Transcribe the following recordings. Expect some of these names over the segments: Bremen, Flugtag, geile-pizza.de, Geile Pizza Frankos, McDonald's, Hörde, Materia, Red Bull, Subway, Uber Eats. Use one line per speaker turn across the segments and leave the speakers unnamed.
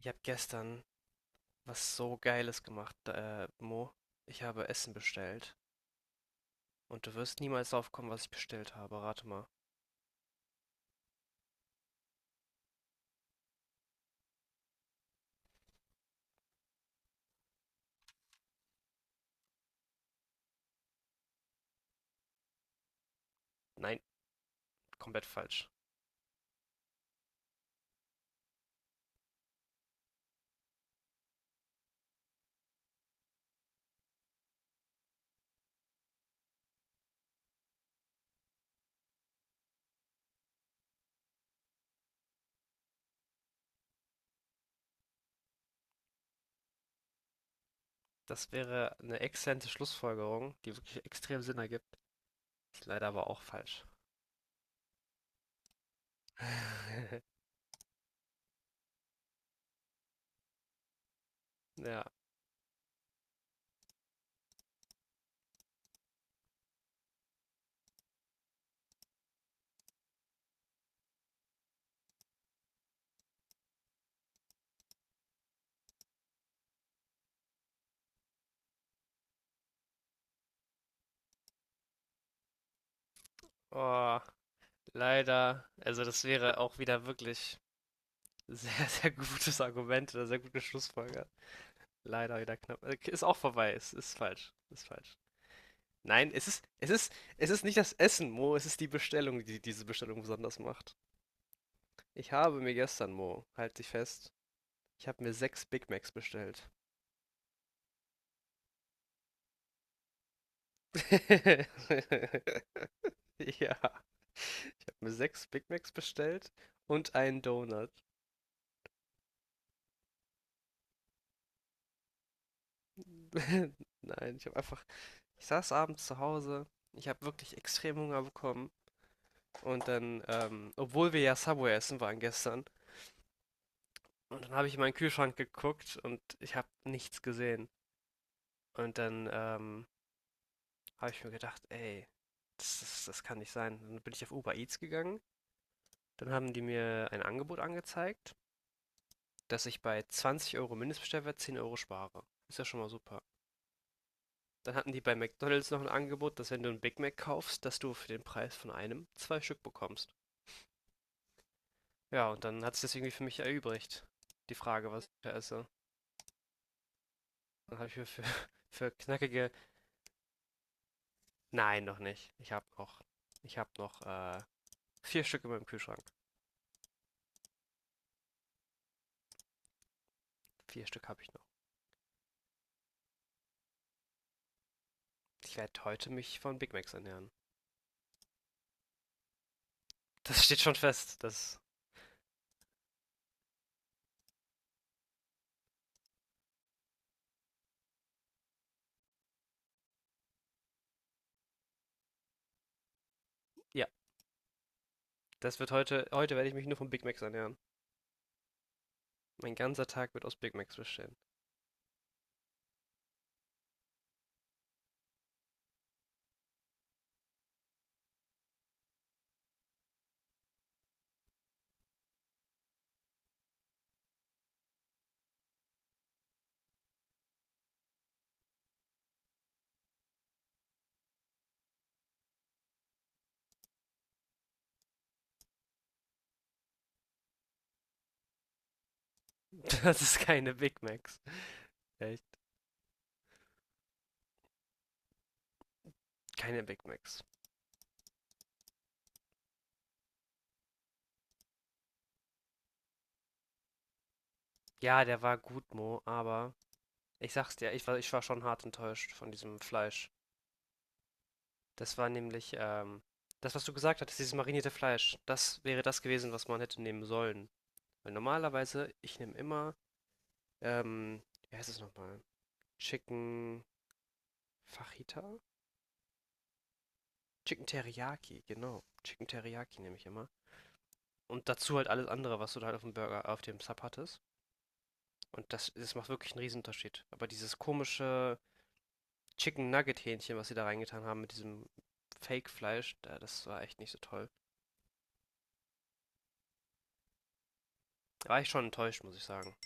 Ich habe gestern was so Geiles gemacht, Mo. Ich habe Essen bestellt. Und du wirst niemals drauf kommen, was ich bestellt habe. Rate mal. Nein, komplett falsch. Das wäre eine exzellente Schlussfolgerung, die wirklich extrem Sinn ergibt. Ist leider aber auch falsch. Ja. Oh, leider. Also das wäre auch wieder wirklich sehr, sehr gutes Argument oder sehr gute Schlussfolgerung. Leider wieder knapp. Ist auch vorbei. Ist falsch. Ist falsch. Nein, es ist nicht das Essen, Mo, es ist die Bestellung, die diese Bestellung besonders macht. Ich habe mir gestern, Mo, halt dich fest, ich habe mir sechs Big Macs bestellt. Ja. Ich habe mir 6 Big Macs bestellt und einen Donut. Nein, ich habe einfach ich saß abends zu Hause, ich habe wirklich extrem Hunger bekommen und dann, obwohl wir ja Subway essen waren gestern und dann habe ich in meinen Kühlschrank geguckt und ich habe nichts gesehen. Und dann, habe ich mir gedacht, ey, das kann nicht sein. Dann bin ich auf Uber Eats gegangen. Dann haben die mir ein Angebot angezeigt, dass ich bei 20 Euro Mindestbestellwert 10 Euro spare. Ist ja schon mal super. Dann hatten die bei McDonald's noch ein Angebot, dass wenn du einen Big Mac kaufst, dass du für den Preis von einem zwei Stück bekommst. Ja, und dann hat es das irgendwie für mich erübrigt. Die Frage, was ich da esse. Dann habe ich mir für, für knackige. Nein, noch nicht. Ich habe noch. Ich habe noch vier Stück in meinem Kühlschrank. Vier Stück habe ich noch. Ich werde heute mich von Big Macs ernähren. Das steht schon fest. Das, ja, das wird heute werde ich mich nur von Big Macs ernähren. Mein ganzer Tag wird aus Big Macs bestehen. Das ist keine Big Macs. Echt? Keine Big Macs. Ja, der war gut, Mo, aber ich sag's dir, ich war schon hart enttäuscht von diesem Fleisch. Das war nämlich, das, was du gesagt hattest, dieses marinierte Fleisch, das wäre das gewesen, was man hätte nehmen sollen. Weil normalerweise, ich nehme immer, ähm, wie heißt es nochmal? Chicken Fajita? Chicken Teriyaki, genau. Chicken Teriyaki nehme ich immer. Und dazu halt alles andere, was du da halt auf dem Burger, auf dem Sub hattest. Und das, das macht wirklich einen Riesenunterschied. Aber dieses komische Chicken Nugget Hähnchen, was sie da reingetan haben mit diesem Fake Fleisch, da, das war echt nicht so toll. Da war ich schon enttäuscht, muss ich sagen.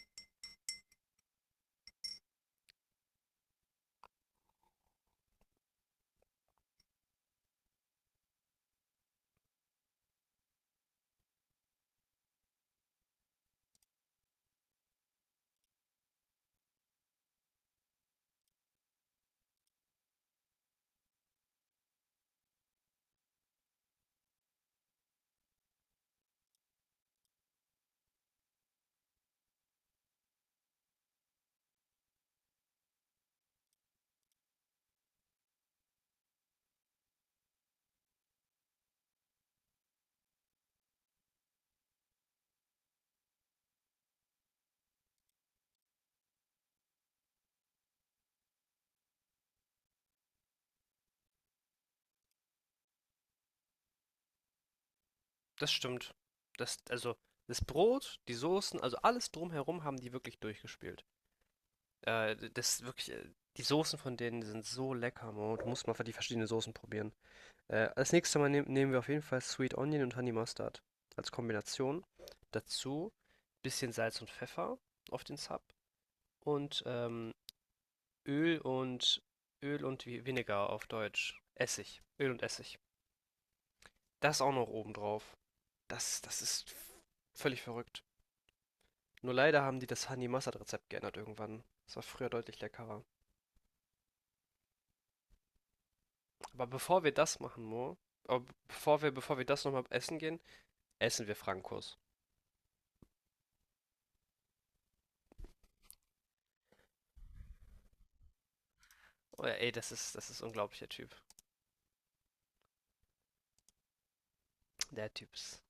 Das stimmt. Das, also, das Brot, die Soßen, also alles drumherum haben die wirklich durchgespielt. Das wirklich, die Soßen von denen sind so lecker, Mo. Du musst mal die verschiedenen Soßen probieren. Als nächstes Mal nehmen wir auf jeden Fall Sweet Onion und Honey Mustard als Kombination. Dazu bisschen Salz und Pfeffer auf den Sub und Öl und Vinegar auf Deutsch. Essig. Öl und Essig. Das auch noch oben drauf. Das, das ist f- völlig verrückt. Nur leider haben die das Honey Mustard Rezept geändert irgendwann. Das war früher deutlich leckerer. Aber bevor wir das machen, Mo, bevor wir das nochmal essen gehen, essen wir Frankos. Oh ja, ey, das ist unglaublich, der Typ. Der Typs ist.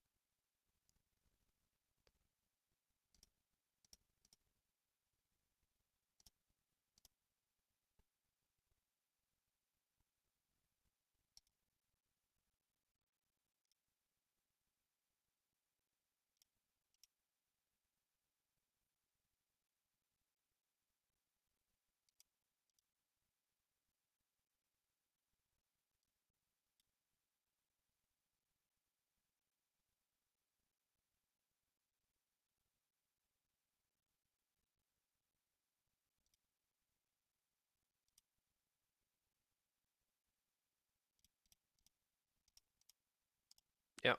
Ja,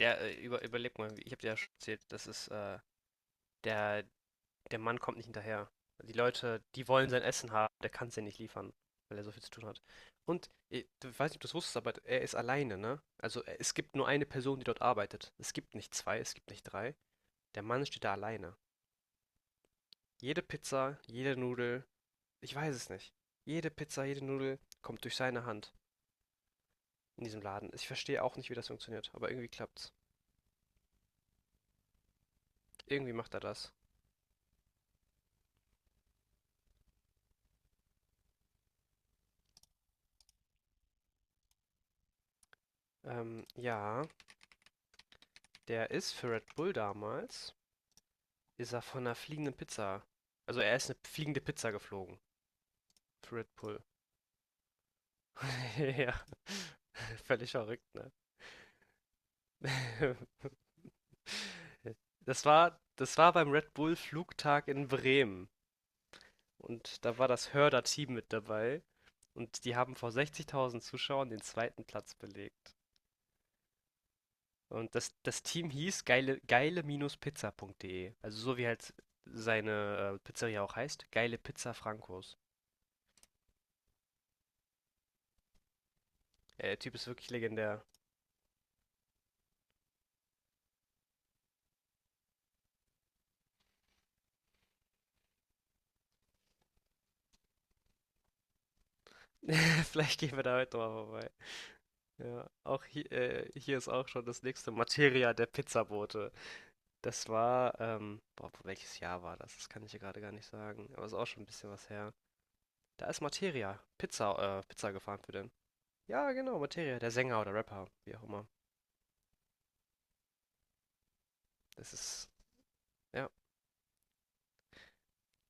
überleg mal, ich habe dir ja schon erzählt, der, der Mann kommt nicht hinterher. Die Leute, die wollen sein Essen haben, der kann es ja nicht liefern, weil er so viel zu tun hat. Und, ich weiß nicht, ob du es wusstest, aber er ist alleine, ne? Also es gibt nur eine Person, die dort arbeitet. Es gibt nicht zwei, es gibt nicht drei. Der Mann steht da alleine. Jede Pizza, jede Nudel, ich weiß es nicht. Jede Pizza, jede Nudel kommt durch seine Hand in diesem Laden. Ich verstehe auch nicht, wie das funktioniert, aber irgendwie klappt's. Irgendwie macht er das. Ja. Der ist für Red Bull damals, ist er von einer fliegenden Pizza. Also er ist eine fliegende Pizza geflogen. Für Red Bull. Ja. Völlig verrückt, ne? Das war beim Red Bull Flugtag in Bremen. Und da war das Hörder-Team mit dabei. Und die haben vor 60.000 Zuschauern den zweiten Platz belegt. Und das Team hieß geile-pizza.de. Also so wie halt seine Pizzeria auch heißt, Geile Pizza Frankos. Ja, der Typ ist wirklich legendär. Vielleicht gehen wir da heute mal vorbei. Ja, auch hier, hier ist auch schon das nächste Materia der Pizzabote. Das war, boah, welches Jahr war das? Das kann ich hier gerade gar nicht sagen. Aber ist auch schon ein bisschen was her. Da ist Materia, Pizza gefahren für den. Ja, genau, Materia, der Sänger oder Rapper, wie auch immer. Das ist, ja,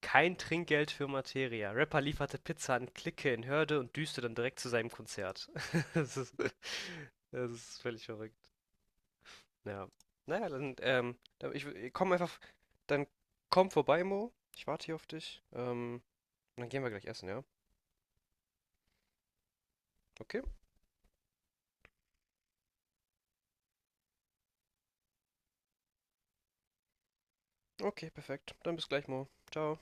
kein Trinkgeld für Materia. Rapper lieferte Pizza an Clique in Hörde und düste dann direkt zu seinem Konzert. Das ist, das ist völlig verrückt. Ja. Naja, dann, komm einfach, dann komm vorbei, Mo. Ich warte hier auf dich. Und dann gehen wir gleich essen, ja? Okay? Okay, perfekt. Dann bis gleich, Mo. Ciao.